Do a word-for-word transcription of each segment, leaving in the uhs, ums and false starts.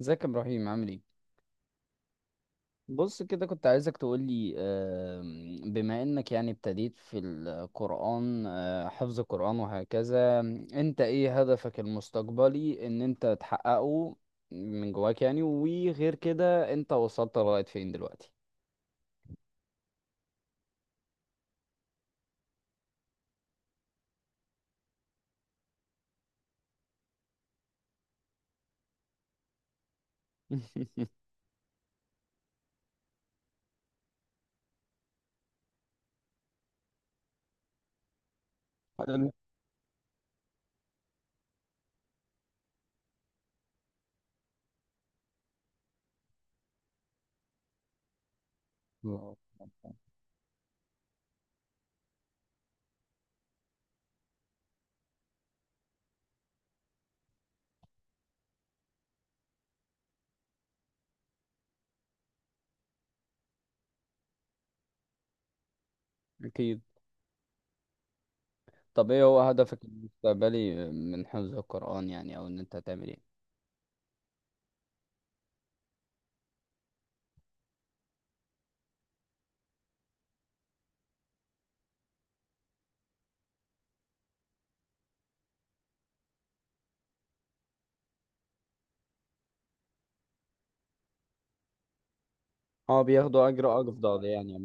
ازيك يا ابراهيم عامل ايه؟ بص كده كنت عايزك تقولي، آم، بما انك يعني ابتديت في القرآن، آه، حفظ القرآن وهكذا. انت ايه هدفك المستقبلي ان انت تحققه من جواك يعني؟ وغير كده انت وصلت لغاية فين دلوقتي؟ حلو. واو. اكيد. طب ايه هو هدفك المستقبلي من حفظ القرآن يعني، او ان انت تعمل ايه؟ هو بياخدوا اجر اجر يعني يا،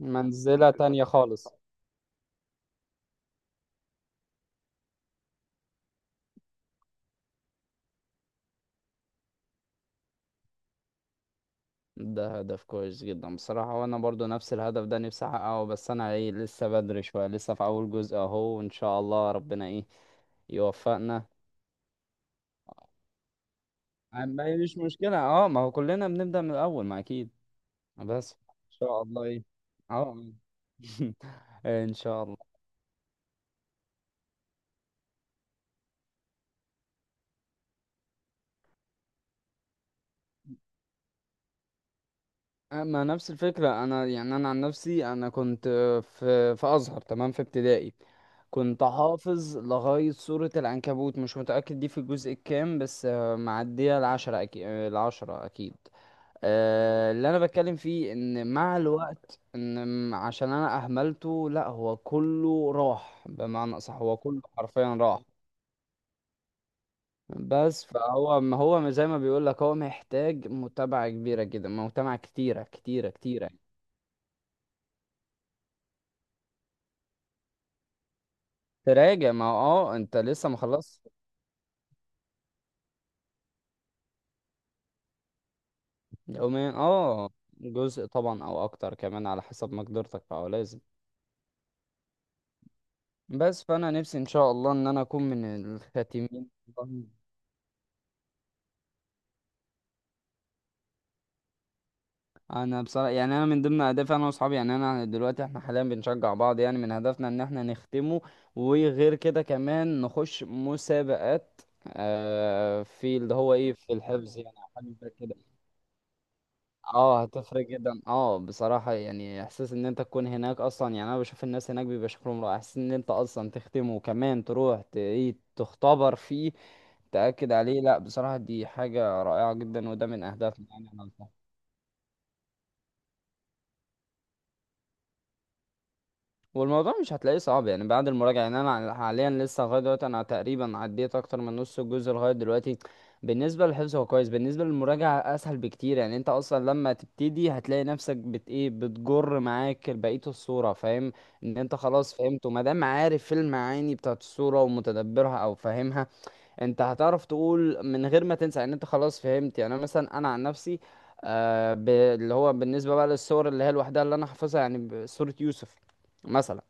منزلة تانية خالص. ده هدف كويس جدا بصراحة، وانا برضو نفس الهدف ده نفسي احققه، بس انا ايه لسه بدري شوية، لسه في اول جزء اهو، وان شاء الله ربنا ايه يوفقنا. ما- مش مشكلة، اه، ما هو كلنا بنبدأ من الاول، ما اكيد. بس ان شاء الله ايه. اه. ان شاء الله. اما نفس الفكرة، انا يعني انا عن نفسي انا كنت في في ازهر، تمام، في ابتدائي. كنت حافظ لغاية سورة العنكبوت، مش متأكد دي في الجزء الكام، بس آه، معدية العشرة أكيد، العشرة أكيد. آه، اللي أنا بتكلم فيه إن مع الوقت، إن م- عشان أنا أهملته لأ، هو كله راح. بمعنى أصح، هو كله حرفيا راح. بس فهو ما هو زي ما بيقول لك، هو محتاج متابعة كبيرة جدا، متابعة كتيرة كتيرة كتيرة. تراجع، ما هو اه انت لسه ما خلصت. يومين اه، جزء طبعا او اكتر كمان على حسب مقدرتك، فهو لازم. بس فانا نفسي ان شاء الله ان انا اكون من الخاتمين. والله. انا بصراحه يعني انا من ضمن اهدافي انا واصحابي، يعني انا دلوقتي احنا حاليا بنشجع بعض، يعني من هدفنا ان احنا نختمه. وغير كده كمان نخش مسابقات، آه في اللي هو ايه في الحفظ يعني، أو حاجه زي كده. اه هتفرق جدا، اه بصراحة يعني احساس ان انت تكون هناك اصلا، يعني انا بشوف الناس هناك بيبقى شكلهم رائع. احساس ان انت اصلا تختم، وكمان تروح ت- ايه تختبر فيه، تأكد عليه. لا بصراحة دي حاجة رائعة جدا، وده من اهدافنا يعني انا. والموضوع مش هتلاقيه صعب يعني بعد المراجعة. يعني أنا عل- حاليا لسه لغاية دلوقتي، أنا تقريبا عديت أكتر من نص الجزء لغاية دلوقتي. بالنسبة للحفظ هو كويس، بالنسبة للمراجعة أسهل بكتير. يعني أنت أصلا لما تبتدي هتلاقي نفسك بت إيه، بتجر معاك بقية الصورة، فاهم؟ إن أنت خلاص فهمت، ومادام عارف المعاني بتاعت الصورة ومتدبرها أو فاهمها، أنت هتعرف تقول من غير ما تنسى، إن أنت خلاص فهمت. يعني أنا مثلا، أنا عن نفسي آه ب... اللي هو بالنسبة بقى للصور اللي هي لوحدها اللي أنا حافظها، يعني ب- صورة يوسف مثلا،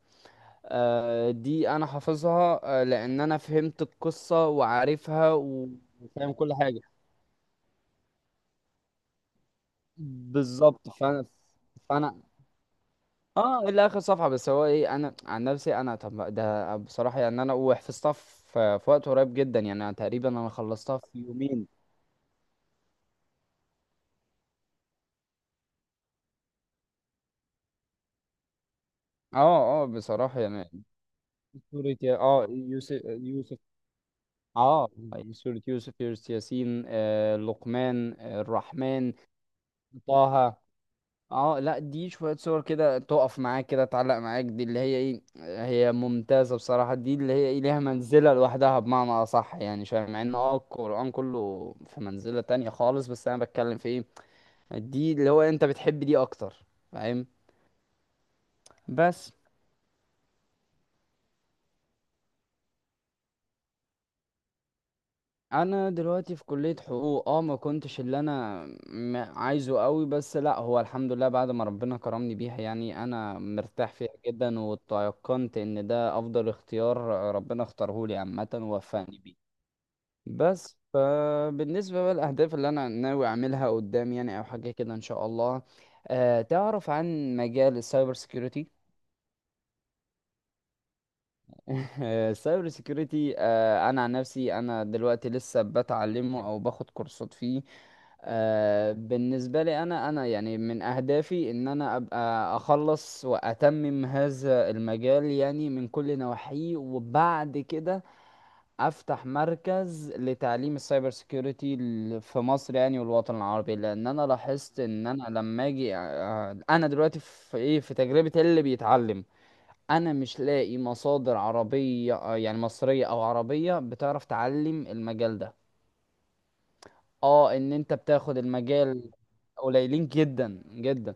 آه، دي انا حافظها، آه، لان انا فهمت القصة وعارفها، و- وفاهم كل حاجة. بالظبط. فانا فانا اه الى اخر صفحة بس، هو ايه انا عن نفسي انا، طب ما ده بصراحة يعني انا وحفظتها في في وقت قريب جدا، يعني أنا تقريبا انا خلصتها في يومين. اه اه بصراحة يعني. سورة يا- اه يوسف، يوسف. اه سورة يوسف، يوسف، ياسين، آه لقمان، آه الرحمن، طه. اه لا، دي شوية صور كده تقف معاك، كده تعلق معاك، دي اللي هي ايه، هي ممتازة بصراحة. دي اللي هي ايه، ليها منزلة لوحدها، بمعنى أصح يعني شوية، مع ان اه القرآن كله في منزلة تانية خالص، بس انا بتكلم في ايه، دي اللي هو انت بتحب دي اكتر، فاهم؟ بس انا دلوقتي في كلية حقوق، اه ما كنتش اللي انا م- عايزه قوي، بس لا هو الحمد لله بعد ما ربنا كرمني بيها، يعني انا مرتاح فيها جدا، وتيقنت ان ده افضل اختيار ربنا اختاره لي عامة ووفقني بيه. بس فبالنسبة بقى للاهداف اللي انا ناوي اعملها قدام يعني، او حاجة كده ان شاء الله، أه تعرف عن مجال السايبر سيكيورتي؟ السايبر سيكيورتي، آه، انا عن نفسي انا دلوقتي لسه بتعلمه، او باخد كورسات فيه. آه، بالنسبه لي انا انا يعني من اهدافي ان انا ابقى اخلص واتمم هذا المجال يعني من كل نواحيه، وبعد كده افتح مركز لتعليم السايبر سيكيورتي ال- في مصر يعني والوطن العربي. لان انا لاحظت ان انا لما اجي، آه، انا دلوقتي في ايه في تجربه اللي بيتعلم، انا مش لاقي مصادر عربية، آه، يعني مصرية او عربية بتعرف تعلم المجال ده. اه ان انت بتاخد المجال قليلين جدا جدا.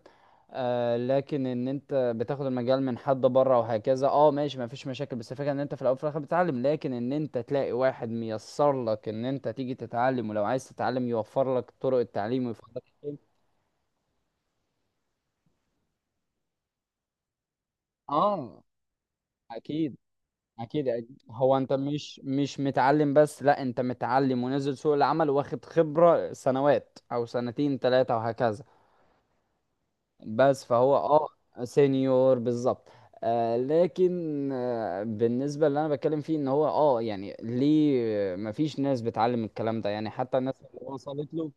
آه لكن ان انت بتاخد المجال من حد بره وهكذا، اه ماشي ما فيش مشاكل. بس الفكره ان انت في الاول وفي الاخر بتتعلم، لكن ان انت تلاقي واحد ميسر لك ان انت تيجي تتعلم، ولو عايز تتعلم يوفر لك طرق التعليم ويوفر لك الحلول. اه اكيد. اكيد أكيد. هو انت مش مش متعلم بس، لا انت متعلم ونزل سوق العمل واخد خبرة سنوات، او سنتين ثلاثة وهكذا. بس فهو اه سينيور بالظبط. آه لكن آه بالنسبة اللي انا بتكلم فيه ان هو اه يعني ليه مفيش ناس بتعلم الكلام ده يعني، حتى الناس اللي وصلت له.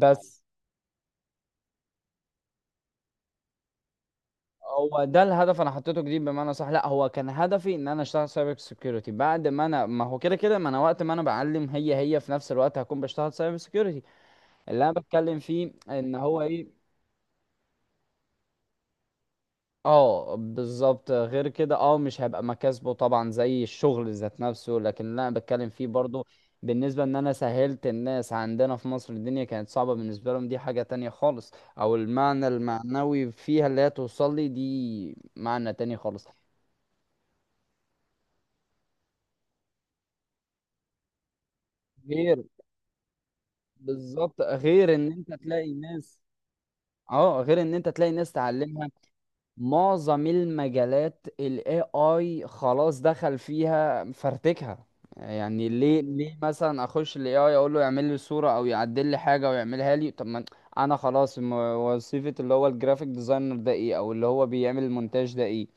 بس هو ده الهدف انا حطيته جديد، بمعنى صح لا هو كان هدفي ان انا اشتغل سايبر سيكيورتي، بعد ما انا ما هو كده كده، ما انا وقت ما انا بعلم هي هي في نفس الوقت هكون بشتغل سايبر سيكيورتي. اللي انا بتكلم فيه ان هو ايه، اه بالظبط. غير كده اه مش هيبقى مكاسبه طبعا زي الشغل ذات نفسه، لكن اللي انا بتكلم فيه برضو بالنسبة ان انا سهلت الناس عندنا في مصر، الدنيا كانت صعبة بالنسبة لهم، دي حاجة تانية خالص. او المعنى المعنوي فيها اللي هي توصل لي، دي معنى تاني خالص. غير بالظبط، غير ان انت تلاقي ناس، اه غير ان انت تلاقي ناس تعلمها. معظم المجالات الاي اي خلاص دخل فيها فرتكها. يعني ليه ليه مثلا اخش الاي اي اقول له يعمل لي صورة او يعدل لي حاجة ويعملها لي، طب ما أنا انا خلاص م- وظيفة اللي هو الجرافيك ديزاينر ده ايه، او اللي هو بيعمل المونتاج ده ايه؟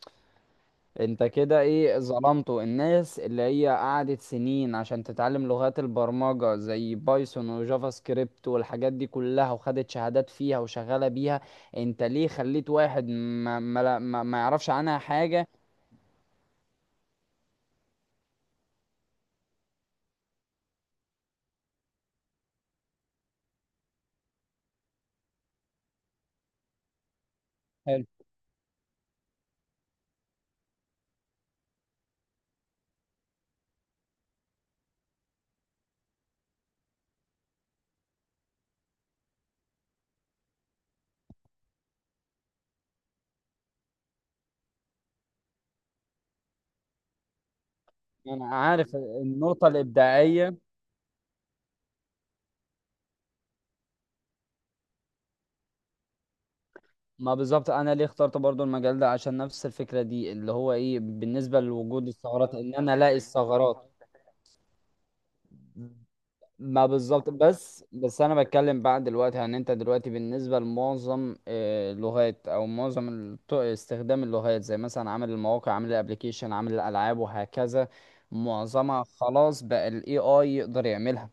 انت كده ايه ظلمته، الناس اللي هي قعدت سنين عشان تتعلم لغات البرمجة زي بايثون وجافا سكريبت والحاجات دي كلها، وخدت شهادات فيها وشغالة بيها. انت ليه خليت واحد ما, ما, ما, ما يعرفش عنها حاجة؟ حلو. انا عارف النقطة الابداعية. ما بالظبط انا ليه اخترت برضو المجال ده، عشان نفس الفكرة دي اللي هو ايه بالنسبة لوجود الثغرات، ان انا الاقي الثغرات. ما بالظبط. بس بس انا بتكلم بقى دلوقتي عن انت دلوقتي بالنسبه لمعظم، آه، اللغات او معظم الط- استخدام اللغات زي مثلا عامل المواقع، عامل الابليكيشن، عامل الالعاب وهكذا. معظمها خلاص بقى الاي اي يقدر يعملها،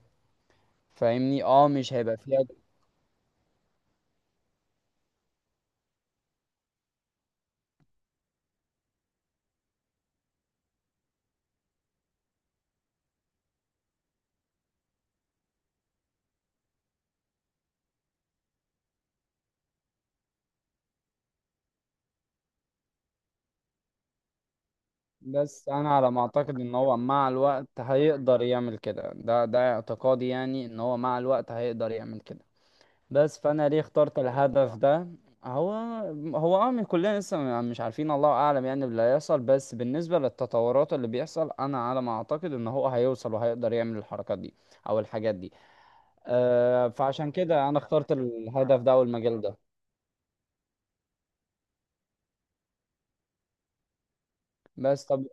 فاهمني؟ اه مش هيبقى فيها. بس انا على ما اعتقد ان هو مع الوقت هيقدر يعمل كده، ده ده اعتقادي يعني، ان هو مع الوقت هيقدر يعمل كده. بس فانا ليه اخترت الهدف ده، هو هو اه من كلنا لسه م- مش عارفين، الله اعلم يعني اللي هيحصل، بس بالنسبه للتطورات اللي بيحصل، انا على ما اعتقد ان هو هيوصل وهيقدر يعمل الحركات دي او الحاجات دي. آه فعشان كده انا اخترت الهدف ده او المجال ده. بس طب،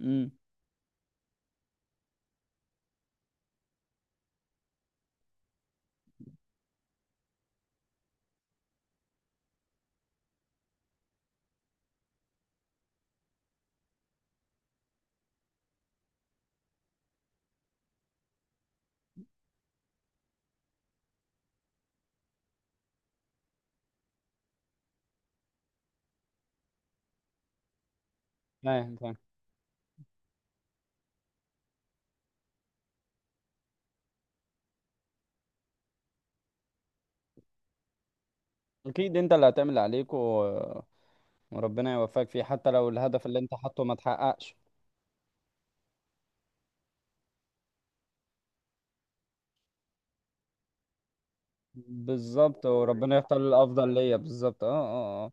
امم، فاهم فاهم. اكيد انت اللي هتعمل اللي عليك و... وربنا يوفقك فيه حتى لو الهدف اللي انت حاطه ما تحققش. بالظبط وربنا يختار الافضل ليا. بالظبط اه اه اه.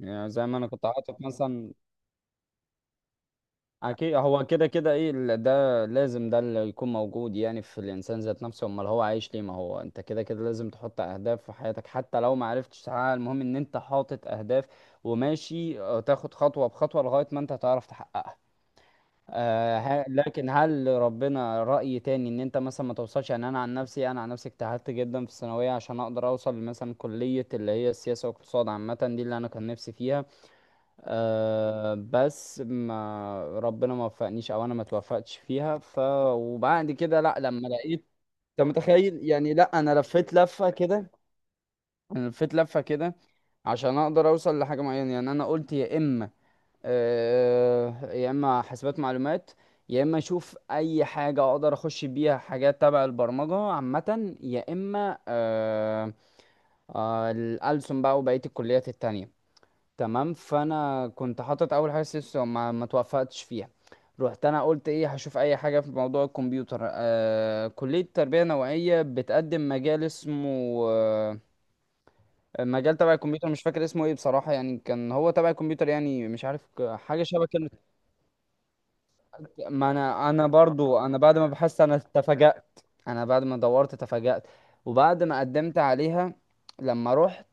يعني زي ما انا كنت حاطط مثلا. اكيد هو كده كده ايه ال- ده لازم، ده اللي يكون موجود يعني في الانسان ذات نفسه، امال هو عايش ليه؟ ما هو انت كده كده لازم تحط اهداف في حياتك، حتى لو ما عرفتش تحققها، المهم ان انت حاطط اهداف وماشي، آه، تاخد خطوة بخطوة لغاية ما انت تعرف تحققها. آه ه- لكن هل ربنا رأي تاني ان انت مثلا ما توصلش؟ يعني انا عن نفسي، انا عن نفسي اجتهدت جدا في الثانوية عشان اقدر اوصل مثلا كلية اللي هي السياسة والاقتصاد عامة، دي اللي انا كان نفسي فيها. أه بس ما ربنا ما وفقنيش، او انا ما توفقتش فيها، ف، وبعد كده لا لما لقيت، انت متخيل يعني، لا انا لفيت لفه كده، انا لفيت لفه كده عشان اقدر اوصل لحاجه معينه. يعني انا قلت يا اما، أه يا اما حاسبات معلومات، يا اما اشوف اي حاجه اقدر اخش بيها حاجات تبع البرمجه عامه، يا اما أه، أه الألسن بقى وبقيه الكليات التانية. تمام، فانا كنت حاطط اول حاجه سيسو، ما ما توفقتش فيها. رحت انا قلت ايه هشوف اي حاجه في موضوع الكمبيوتر، آه كليه تربيه نوعيه بتقدم مجال اسمه، آه، مجال تبع الكمبيوتر مش فاكر اسمه ايه بصراحه، يعني كان هو تبع الكمبيوتر يعني، مش عارف ك- حاجه شبه كلمه. ما انا، انا برضو انا بعد ما بحثت انا تفاجأت، انا بعد ما دورت تفاجأت، وبعد ما قدمت عليها، لما رحت،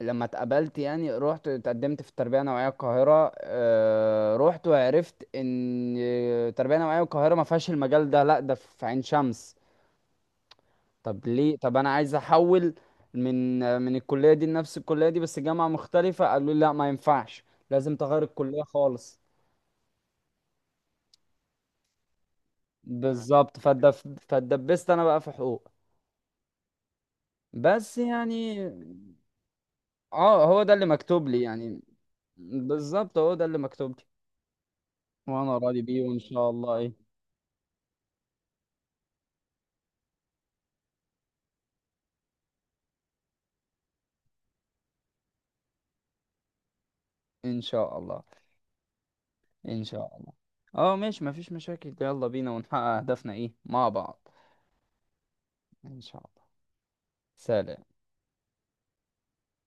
لما اتقبلت يعني، رحت اتقدمت في التربية النوعية القاهرة، آه، رحت وعرفت ان التربية النوعية القاهرة ما فيهاش المجال ده، لا ده في عين شمس. طب ليه؟ طب انا عايز احول من من الكلية دي لنفس الكلية دي بس جامعة مختلفة، قالوا لي لا ما ينفعش، لازم تغير الكلية خالص. بالظبط فاتدب- فاتدبست انا بقى في حقوق. بس يعني اه هو ده اللي مكتوب لي يعني. بالظبط هو ده اللي مكتوب لي، وانا راضي بيه، وان شاء الله ايه. ان شاء الله. ان شاء الله. اه ماشي مفيش مشاكل، يلا بينا ونحقق اهدافنا ايه مع بعض. ان شاء الله. سلام.